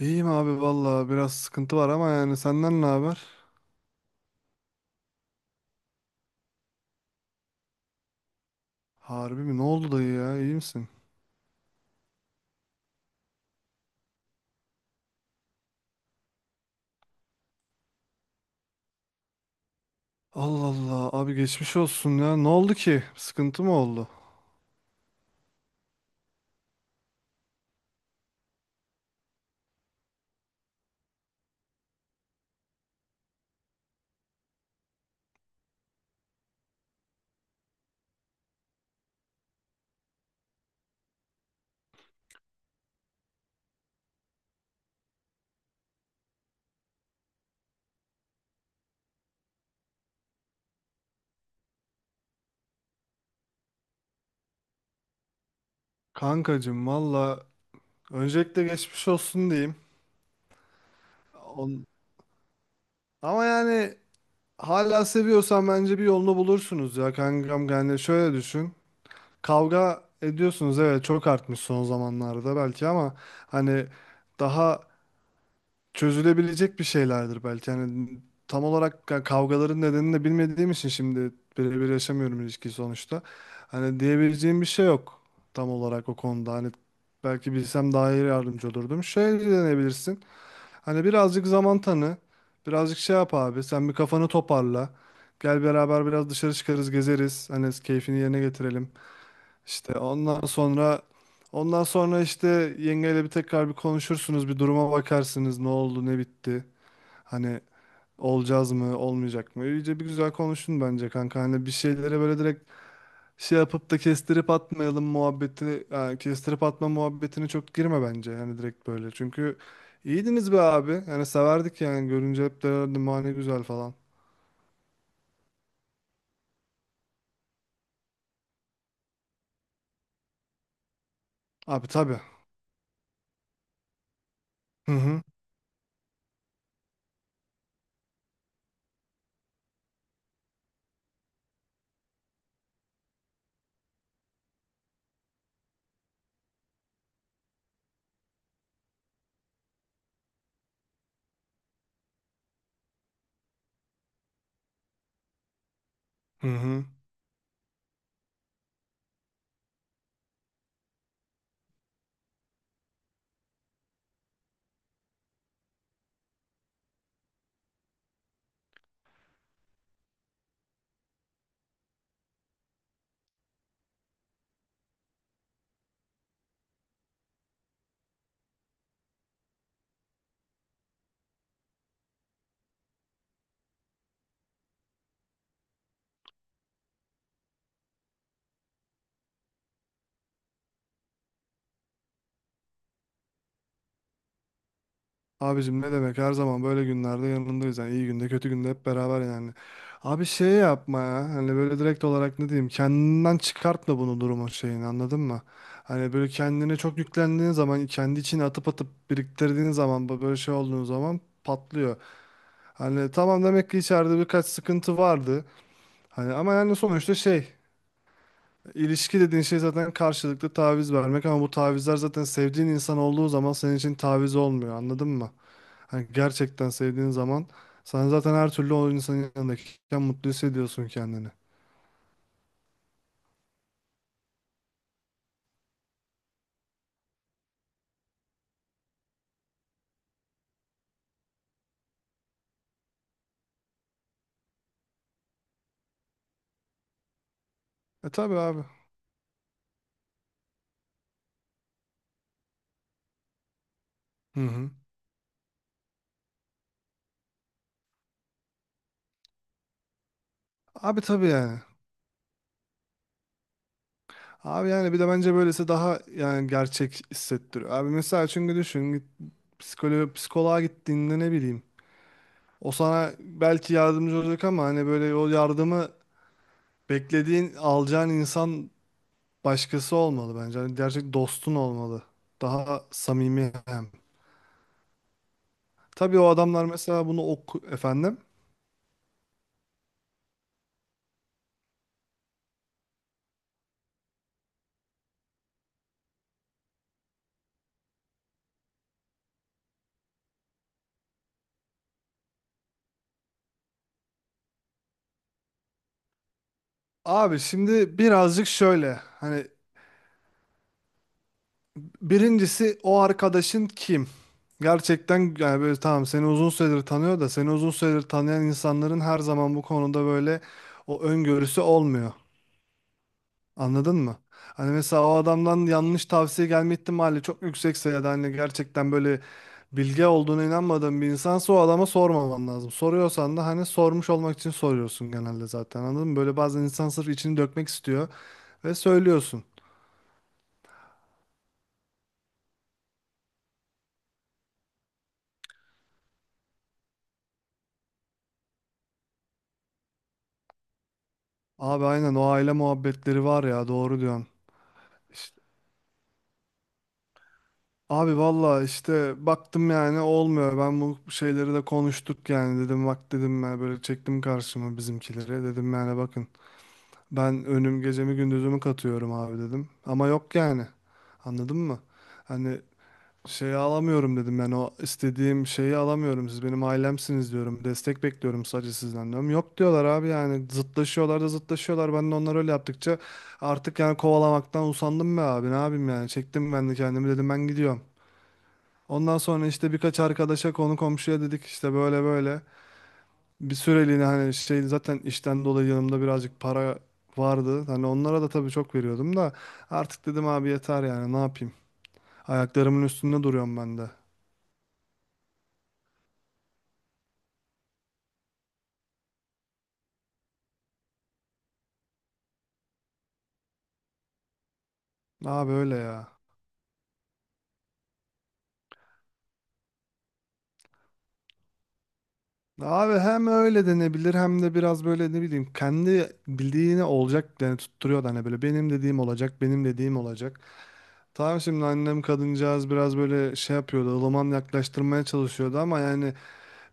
İyiyim abi valla biraz sıkıntı var ama yani senden ne haber? Harbi mi? Ne oldu dayı ya? İyi misin? Allah Allah abi geçmiş olsun ya. Ne oldu ki? Sıkıntı mı oldu? Kankacım valla öncelikle geçmiş olsun diyeyim. On... Ama yani hala seviyorsan bence bir yolunu bulursunuz ya kankam. Yani şöyle düşün. Kavga ediyorsunuz, evet, çok artmış son zamanlarda belki, ama hani daha çözülebilecek bir şeylerdir belki. Yani tam olarak kavgaların nedenini de bilmediğim için şimdi birebir yaşamıyorum ilişkiyi sonuçta. Hani diyebileceğim bir şey yok tam olarak o konuda. Hani belki bilsem daha iyi yardımcı olurdum. Şey deneyebilirsin. Hani birazcık zaman tanı. Birazcık şey yap abi. Sen bir kafanı toparla. Gel beraber biraz dışarı çıkarız, gezeriz. Hani keyfini yerine getirelim. İşte ondan sonra işte yengeyle bir tekrar bir konuşursunuz, bir duruma bakarsınız, ne oldu, ne bitti. Hani olacağız mı, olmayacak mı? İyice bir güzel konuşun bence kanka. Hani bir şeylere böyle direkt şey yapıp da kestirip atmayalım muhabbeti, yani kestirip atma muhabbetine çok girme bence. Hani direkt böyle. Çünkü iyiydiniz be abi. Yani severdik, yani görünce hep derlerdi "Ma ne güzel" falan. Abi tabii. Hı hı. Hı hı. Abicim ne demek, her zaman böyle günlerde yanındayız yani, iyi günde kötü günde hep beraber yani. Abi şey yapma ya, hani böyle direkt olarak ne diyeyim kendinden çıkartma bunu, durumu, şeyini, anladın mı? Hani böyle kendine çok yüklendiğin zaman, kendi içine atıp atıp biriktirdiğin zaman, bu böyle şey olduğun zaman patlıyor. Hani tamam, demek ki içeride birkaç sıkıntı vardı. Hani ama yani sonuçta şey, ilişki dediğin şey zaten karşılıklı taviz vermek ama bu tavizler zaten sevdiğin insan olduğu zaman senin için taviz olmuyor, anladın mı? Hani gerçekten sevdiğin zaman sen zaten her türlü o insanın yanındayken mutlu hissediyorsun kendini. E tabii abi. Hı hı. Abi tabii yani. Abi yani bir de bence böylesi daha yani gerçek hissettiriyor. Abi mesela, çünkü düşün, git psikoloğa gittiğinde ne bileyim. O sana belki yardımcı olacak, ama hani böyle o yardımı beklediğin alacağın insan başkası olmalı bence. Hani gerçek dostun olmalı. Daha samimi hem. Tabii o adamlar mesela bunu oku efendim. Abi şimdi birazcık şöyle hani, birincisi o arkadaşın kim? Gerçekten yani böyle tamam, seni uzun süredir tanıyor, da seni uzun süredir tanıyan insanların her zaman bu konuda böyle o öngörüsü olmuyor. Anladın mı? Hani mesela o adamdan yanlış tavsiye gelme ihtimali çok yüksekse, ya da hani gerçekten böyle bilge olduğuna inanmadığın bir insansa, o adama sormaman lazım. Soruyorsan da hani sormuş olmak için soruyorsun genelde zaten, anladın mı? Böyle bazen insan sırf içini dökmek istiyor ve söylüyorsun. Abi aynen, o aile muhabbetleri var ya, doğru diyorsun. İşte, abi valla işte baktım yani olmuyor. Ben bu şeyleri de konuştuk yani, dedim bak dedim, ben böyle çektim karşıma bizimkileri. Dedim yani bakın, ben önüm gecemi gündüzümü katıyorum abi dedim. Ama yok yani, anladın mı? Hani şeyi alamıyorum dedim, ben o istediğim şeyi alamıyorum, siz benim ailemsiniz diyorum, destek bekliyorum sadece sizden diyorum, yok diyorlar abi, yani zıtlaşıyorlar da zıtlaşıyorlar, ben de onlar öyle yaptıkça artık yani kovalamaktan usandım be abi, ne yapayım yani, çektim ben de kendimi, dedim ben gidiyorum. Ondan sonra işte birkaç arkadaşa konu komşuya dedik, işte böyle böyle bir süreliğine, hani şey, zaten işten dolayı yanımda birazcık para vardı, hani onlara da tabii çok veriyordum da, artık dedim abi yeter, yani ne yapayım, ayaklarımın üstünde duruyorum ben de. Abi öyle ya. Abi hem öyle denebilir hem de biraz böyle ne bileyim, kendi bildiğine olacak yani, tutturuyor da hani böyle, benim dediğim olacak, benim dediğim olacak. Tamam, şimdi annem kadıncağız biraz böyle şey yapıyordu, ılıman yaklaştırmaya çalışıyordu, ama yani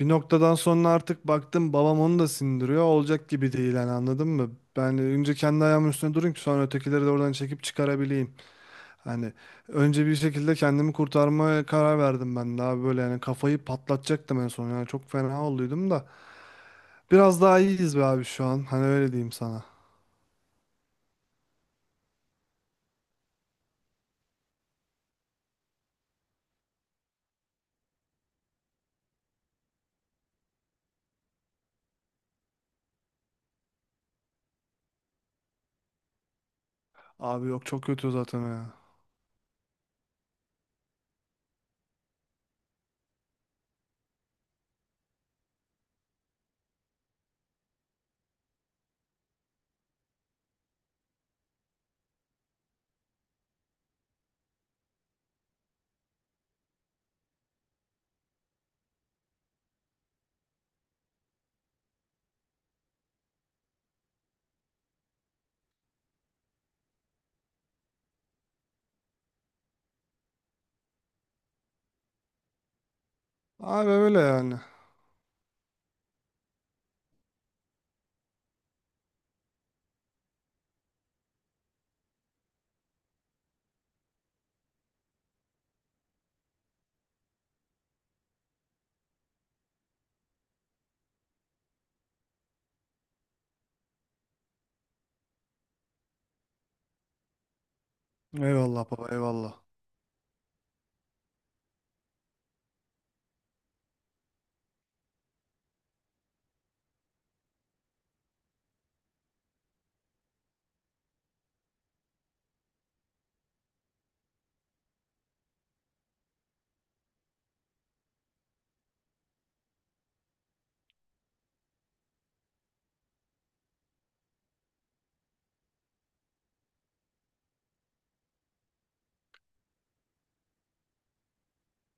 bir noktadan sonra artık baktım babam onu da sindiriyor, olacak gibi değil yani, anladın mı? Ben önce kendi ayağımın üstüne durayım ki sonra ötekileri de oradan çekip çıkarabileyim. Hani önce bir şekilde kendimi kurtarmaya karar verdim ben de abi, böyle yani kafayı patlatacaktım en son yani, çok fena olduydum da biraz daha iyiyiz be abi şu an, hani öyle diyeyim sana. Abi yok, çok kötü zaten ya. Abi öyle yani. Eyvallah baba, eyvallah.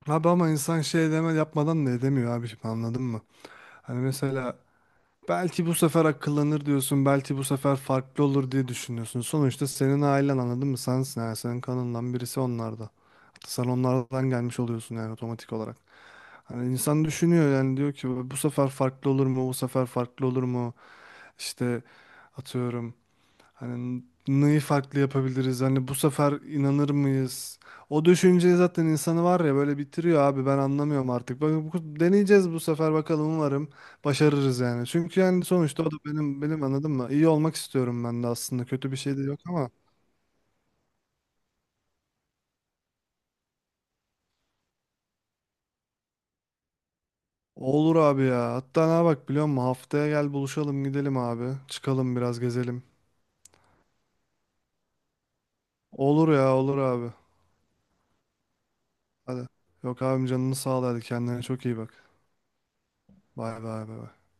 Abi ama insan şey deme yapmadan da edemiyor abi şimdi, anladın mı? Hani mesela belki bu sefer akıllanır diyorsun, belki bu sefer farklı olur diye düşünüyorsun. Sonuçta senin ailen, anladın mı? Sensin yani, senin kanından birisi onlarda. Sen onlardan gelmiş oluyorsun yani otomatik olarak. Hani insan düşünüyor yani, diyor ki bu sefer farklı olur mu? Bu sefer farklı olur mu? İşte atıyorum hani neyi farklı yapabiliriz? Hani bu sefer inanır mıyız? O düşünce zaten insanı var ya, böyle bitiriyor abi, ben anlamıyorum artık. Bak, deneyeceğiz bu sefer, bakalım umarım başarırız yani. Çünkü yani sonuçta o da benim anladın mı? İyi olmak istiyorum ben de aslında, kötü bir şey de yok ama. Olur abi ya. Hatta ne, bak biliyor musun? Haftaya gel buluşalım gidelim abi. Çıkalım biraz gezelim. Olur ya, olur abi. Hadi. Yok abim, canını sağ ol, hadi kendine çok iyi bak. Bay bay bay. Bay.